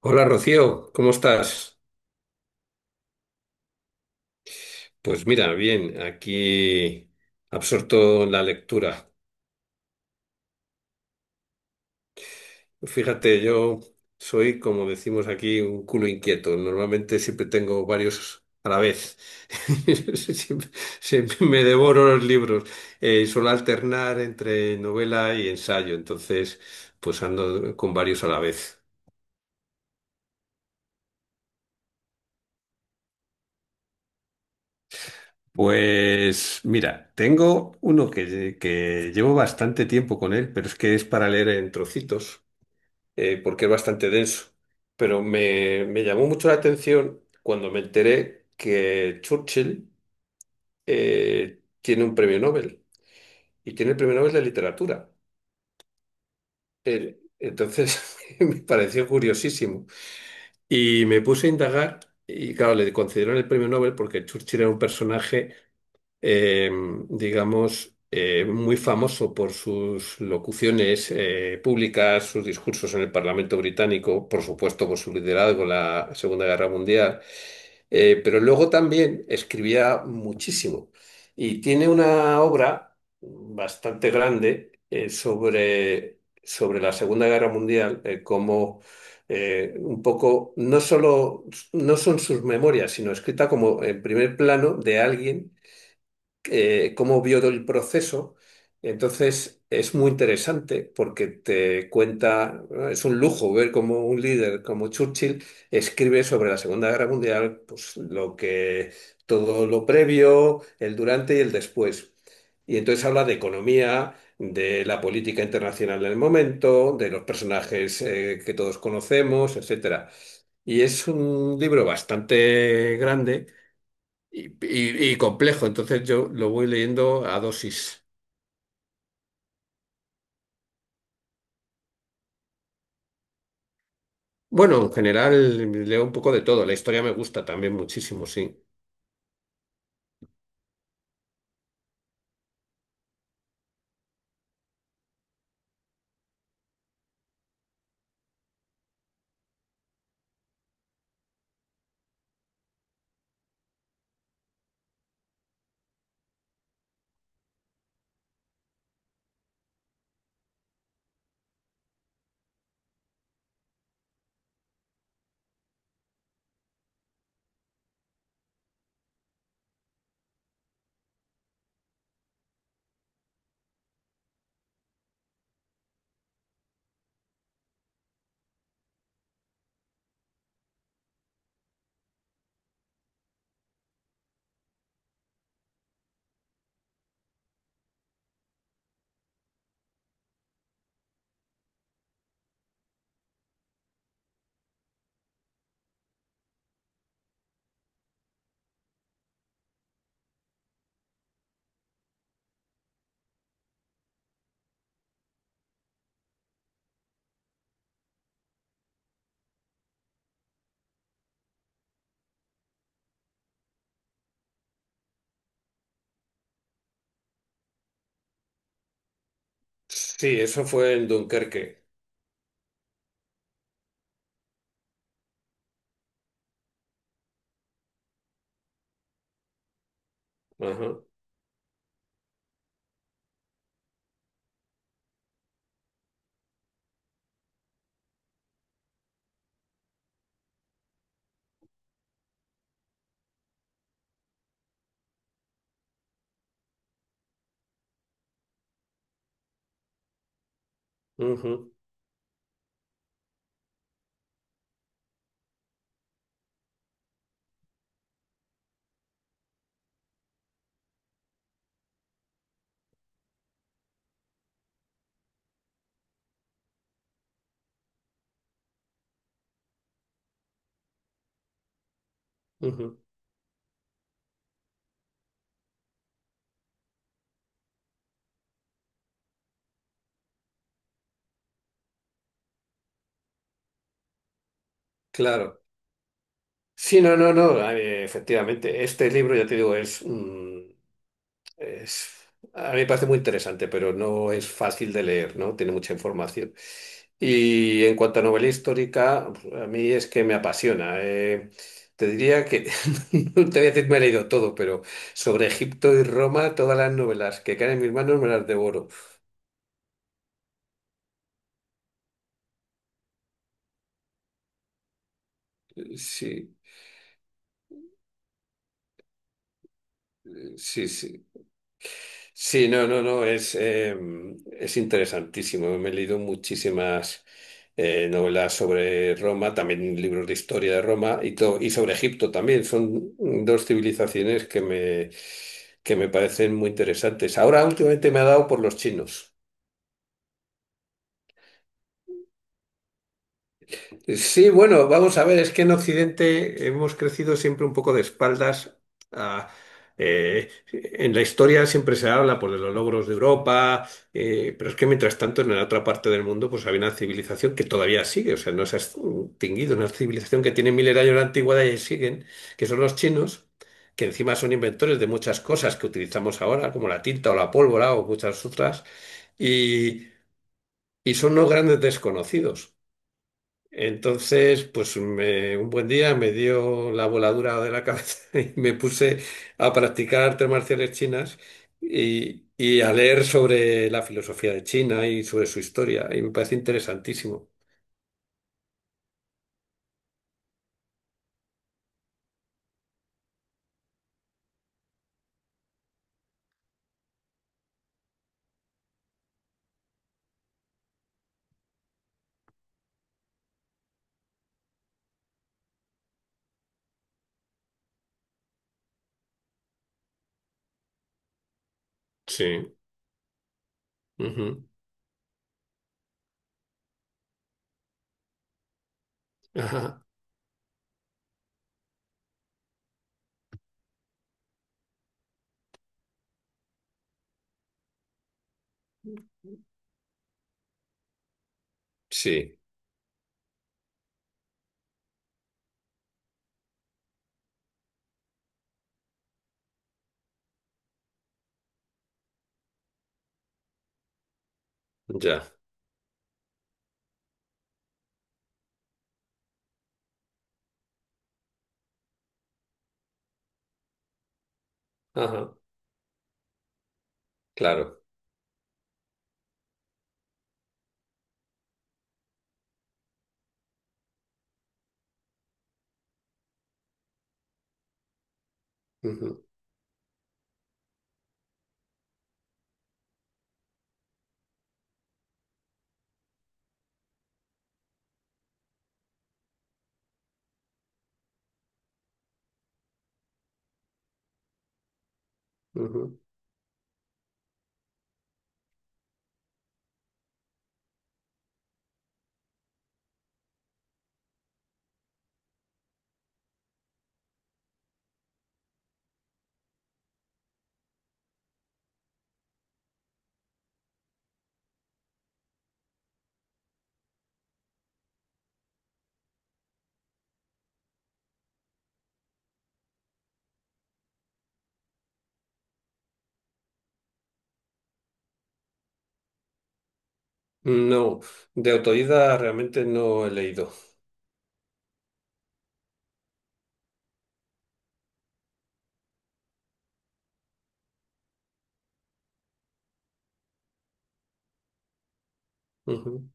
Hola Rocío, ¿cómo estás? Pues mira, bien, aquí absorto en la lectura. Fíjate, yo soy, como decimos aquí, un culo inquieto. Normalmente siempre tengo varios a la vez. Siempre, siempre me devoro los libros. Suelo alternar entre novela y ensayo, entonces pues ando con varios a la vez. Pues mira, tengo uno que llevo bastante tiempo con él, pero es que es para leer en trocitos. Porque es bastante denso. Pero me llamó mucho la atención cuando me enteré que Churchill tiene un premio Nobel y tiene el premio Nobel de literatura. Entonces me pareció curiosísimo y me puse a indagar y claro, le concedieron el premio Nobel porque Churchill era un personaje eh, digamos, muy famoso por sus locuciones públicas, sus discursos en el Parlamento británico, por supuesto por su liderazgo en la Segunda Guerra Mundial, pero luego también escribía muchísimo. Y tiene una obra bastante grande sobre, sobre la Segunda Guerra Mundial, como... un poco, no solo, no son sus memorias, sino escrita como en primer plano de alguien cómo vio el proceso. Entonces es muy interesante porque te cuenta, ¿no? Es un lujo ver cómo un líder como Churchill escribe sobre la Segunda Guerra Mundial, pues lo que, todo lo previo, el durante y el después. Y entonces habla de economía, de la política internacional del momento, de los personajes que todos conocemos, etcétera. Y es un libro bastante grande y, y complejo, entonces yo lo voy leyendo a dosis. Bueno, en general leo un poco de todo, la historia me gusta también muchísimo, sí. Sí, eso fue en Dunkerque. Ajá, ujú, ujú. Claro. Sí, no, no, no, efectivamente, este libro, ya te digo, es... Es- a mí me parece muy interesante, pero no es fácil de leer, ¿no? Tiene mucha información. Y en cuanto a novela histórica, a mí es que me apasiona. Te diría que, no te voy a decir me he leído todo, pero sobre Egipto y Roma, todas las novelas que caen en mis manos me las devoro. Sí, sí, sí. Sí, no, no, no, es interesantísimo. Me he leído muchísimas novelas sobre Roma, también libros de historia de Roma y, y sobre Egipto también. Son dos civilizaciones que me parecen muy interesantes. Ahora últimamente me ha dado por los chinos. Sí, bueno, vamos a ver, es que en Occidente hemos crecido siempre un poco de espaldas. a- en la historia siempre se habla pues, de los logros de Europa, pero es que mientras tanto en la otra parte del mundo pues había una civilización que todavía sigue, o sea, no se ha extinguido, una civilización que tiene miles de años de antigüedad y siguen, que son los chinos, que encima son inventores de muchas cosas que utilizamos ahora, como la tinta o la pólvora o muchas otras, y, y son los grandes desconocidos. Entonces, un buen día me dio la voladura de la cabeza y me puse a practicar artes marciales chinas y a leer sobre la filosofía de China y sobre su historia. Y me parece interesantísimo. Sí. Ujú. Ajá. Sí, ya. Ajá. Claro. Ujú, ujú. No, de autodidacta realmente no he leído. Ujú.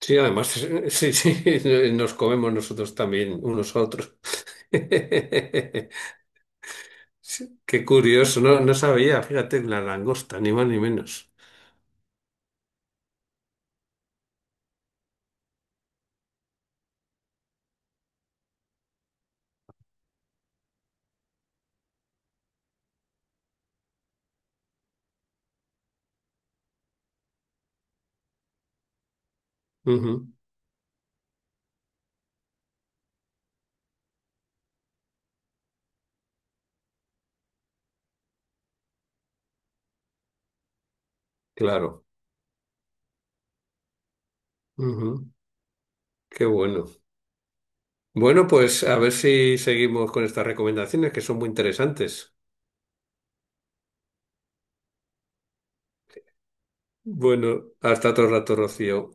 Sí, además, sí, sí, nos comemos nosotros también, unos a otros. Sí, qué curioso, no, no sabía, fíjate, la langosta, ni más ni menos. Ujú, claro, ujú, qué bueno. Bueno, pues a ver si seguimos con estas recomendaciones que son muy interesantes. Bueno, hasta otro rato, Rocío.